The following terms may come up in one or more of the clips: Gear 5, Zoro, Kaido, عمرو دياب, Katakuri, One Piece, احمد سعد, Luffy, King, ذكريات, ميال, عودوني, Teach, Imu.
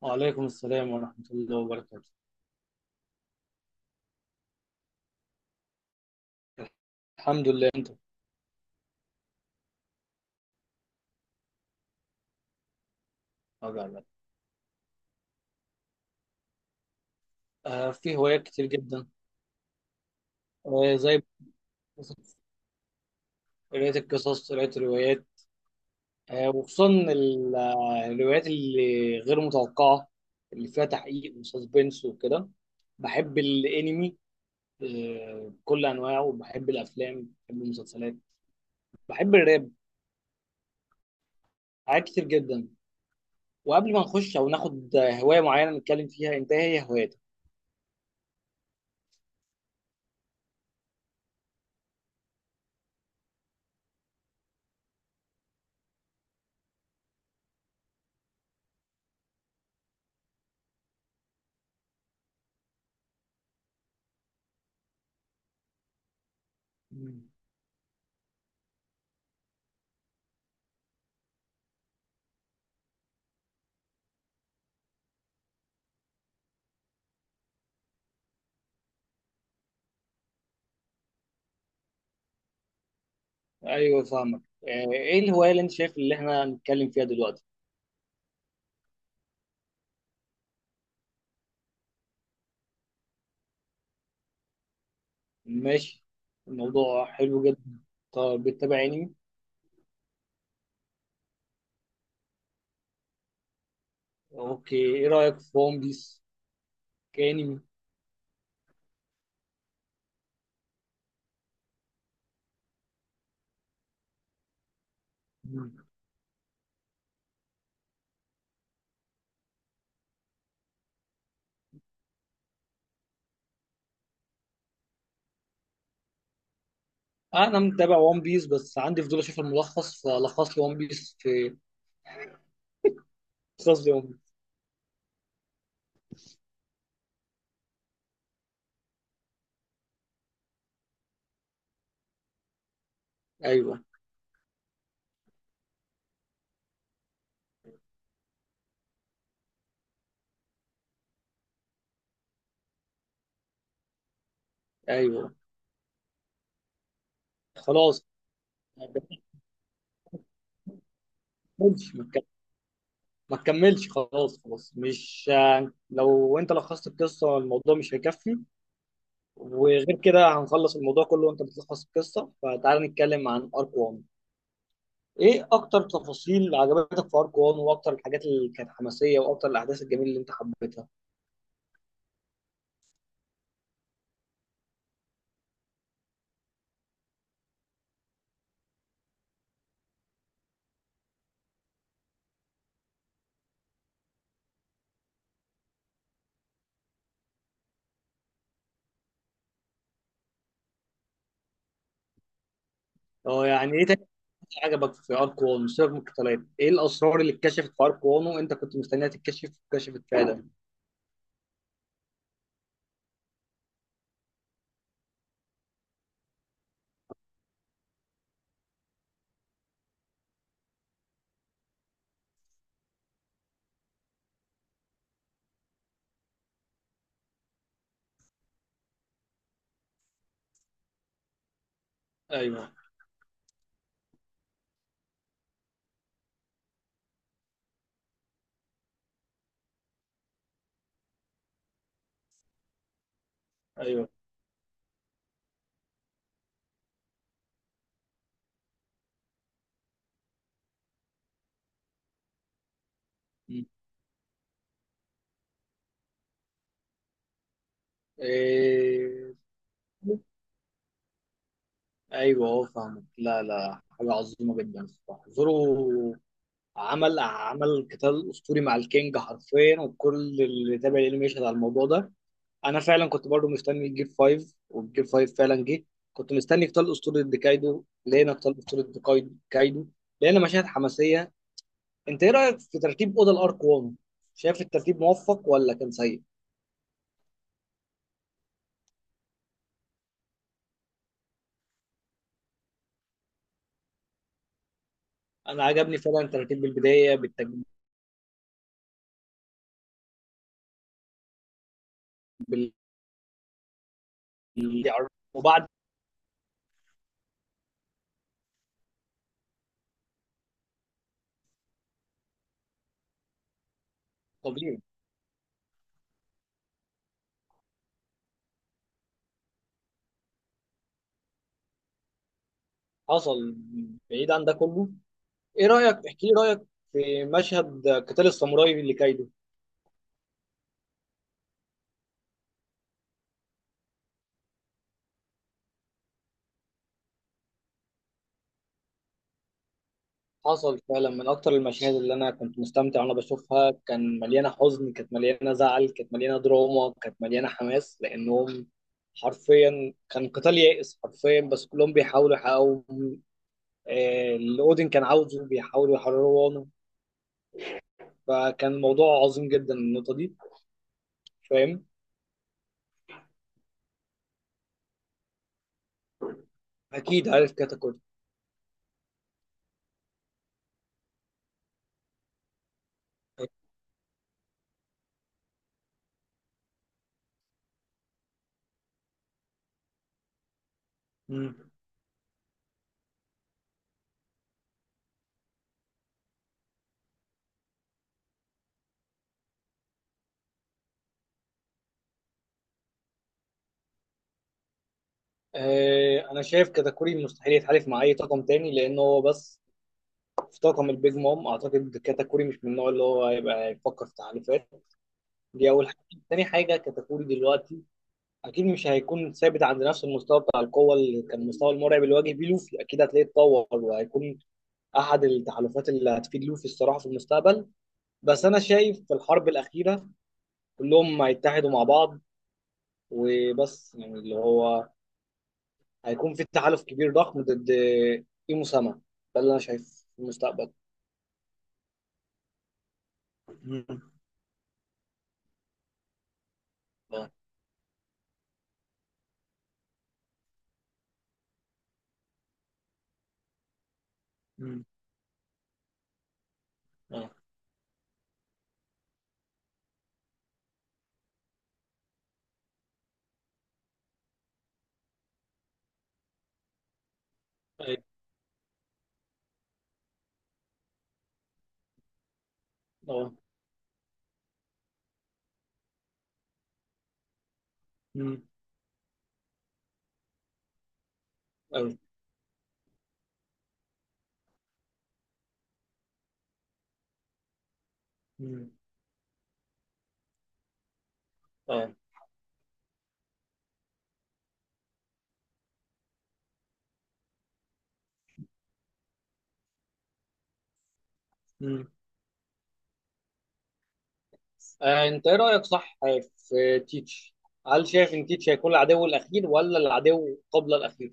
وعليكم السلام ورحمة الله وبركاته. الحمد لله، أنت؟ طبعا. في هوايات كتير جدا. زي قراية القصص، قراية الروايات، وخصوصا الروايات اللي غير متوقعة، اللي فيها تحقيق وسسبنس وكده. بحب الأنمي، بكل أنواعه، وبحب الأفلام، بحب المسلسلات، بحب الراب، حاجات كتير جدا. وقبل ما نخش أو ناخد هواية معينة نتكلم فيها، أنت إيه هي هواياتك؟ ايوه، فاهمك. ايه الهوايه اللي انت شايف اللي احنا هنتكلم فيها دلوقتي؟ ماشي، الموضوع حلو جدا. طب بتتابع انمي؟ اوكي، ايه رايك في ون بيس كانمي؟ مم. انا متابع ون بيس بس عندي فضول اشوف الملخص، فلخص لي ون بيس في لخص لي ون بيس. ايوه، ايوه. خلاص، ما تكملش ما تك- ما تكملش. خلاص، خلاص، مش، لو انت لخصت القصه الموضوع مش هيكفي. وغير كده هنخلص الموضوع كله وانت بتلخص القصه، فتعال نتكلم عن ارك 1. ايه اكتر تفاصيل عجبتك في ارك 1، واكتر الحاجات اللي كانت حماسيه، واكتر الاحداث الجميله اللي انت حبيتها؟ اه. يعني ايه تاني عجبك في ارك 1 سيبك من القتالات؟ ايه الاسرار اللي اتكشفت في ارك 1 وانت كنت مستنيها تتكشف واتكشفت فعلا؟ ايوه، ايوه. م. إيه... ايوه، اه، فاهمك. لا، لا، حاجه عظيمه جدا الصراحه. زورو عمل قتال اسطوري مع الكينج حرفيا، وكل اللي تابع الانمي يشهد على الموضوع ده. انا فعلا كنت برضو مستني الجيب 5، والجيب 5 فعلا جه. كنت مستني قتال اسطوري ضد كايدو، لقينا قتال اسطوري ضد كايدو. لقينا مشاهد حماسيه. انت ايه رايك في ترتيب اوضه الارك 1؟ شايف الترتيب موفق ولا كان سيء؟ انا عجبني فعلا ترتيب بالبدايه، بال... وبعد. طبيعي. حصل. بعيد عن ده كله، ايه رايك، احكي لي رايك في مشهد قتال الساموراي لكايدو. حصل فعلا من اكتر المشاهد اللي انا كنت مستمتع وانا بشوفها، كان مليانه حزن، كانت مليانه زعل، كانت مليانه دراما، كانت مليانه حماس، لانهم حرفيا كان قتال يائس حرفيا، بس كلهم بيحاولوا يحققوا اللي اودين كان عاوزه، بيحاولوا يحرروا عنه. فكان الموضوع عظيم جدا النقطه دي. فاهم. اكيد عارف كاتاكوري. مم. انا شايف كاتاكوري مستحيل يتحالف مع اي طاقم تاني لان هو بس في طاقم البيج مام. اعتقد كاتاكوري مش من النوع اللي هو هيبقى يفكر في تحالفات. دي أول حاجة. تاني حاجة، كتكوري دلوقتي أكيد مش هيكون ثابت عند نفس المستوى بتاع القوة اللي كان، المستوى المرعب اللي واجه بيه لوفي. أكيد هتلاقيه اتطور، وهيكون أحد التحالفات اللي هتفيد لوفي الصراحة في المستقبل. بس أنا شايف في الحرب الأخيرة كلهم هيتحدوا مع بعض، وبس يعني اللي هو هيكون في تحالف كبير ضخم ضد إيمو سما. ده اللي أنا شايفه في المستقبل. مم. اه. مم. اه. أيوة. اه. مم. أيوة. مم. اه. مم. انت ايه رايك صح في تيتش؟ هل شايف ان تيتش هيكون العدو الاخير ولا العدو قبل الاخير؟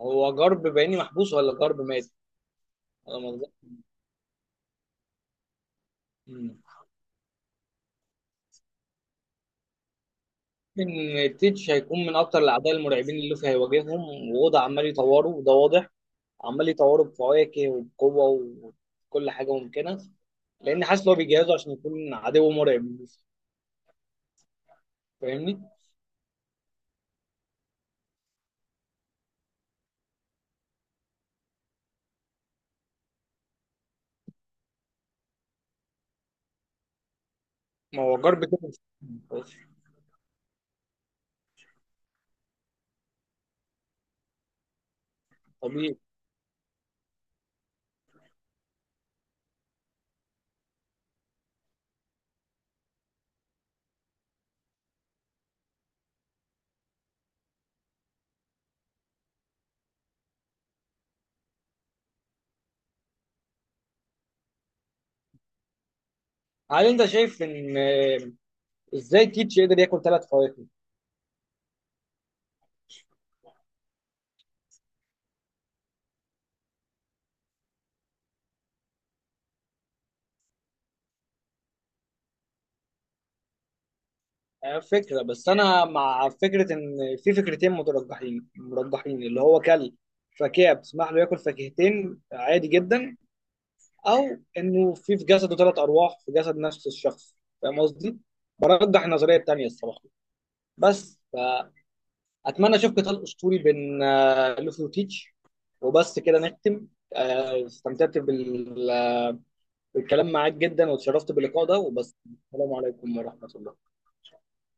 هو جرب بيني محبوس ولا جرب مات؟ انا ما أظن- مم. ان تيتش هيكون من اكتر الاعداء المرعبين اللي لوفي هيواجههم، ووضع عمال يطوره وده واضح، عمال يطوره بفواكه وبقوه وكل حاجه ممكنه، لان حاسس ان هو بيجهزه عشان يكون عدو مرعب للوفي. فاهمني؟ ما هو جرب كده، مش طبيعي. هل انت شايف ان ازاي تيتش يقدر ياكل 3 فواكه؟ فكرة، بس أنا مع فكرة إن في فكرتين مرجحين اللي هو كلب فاكهة بتسمح له ياكل فاكهتين عادي جدا، أو إنه في جسده 3 أرواح في جسد نفس الشخص. فاهم قصدي؟ برجح النظرية التانية الصراحة، بس فأتمنى أشوف قتال أسطوري بين لوفي وتيتش. وبس كده نختم. استمتعت بالكلام معاك جدا، واتشرفت باللقاء ده، وبس. السلام عليكم ورحمة الله.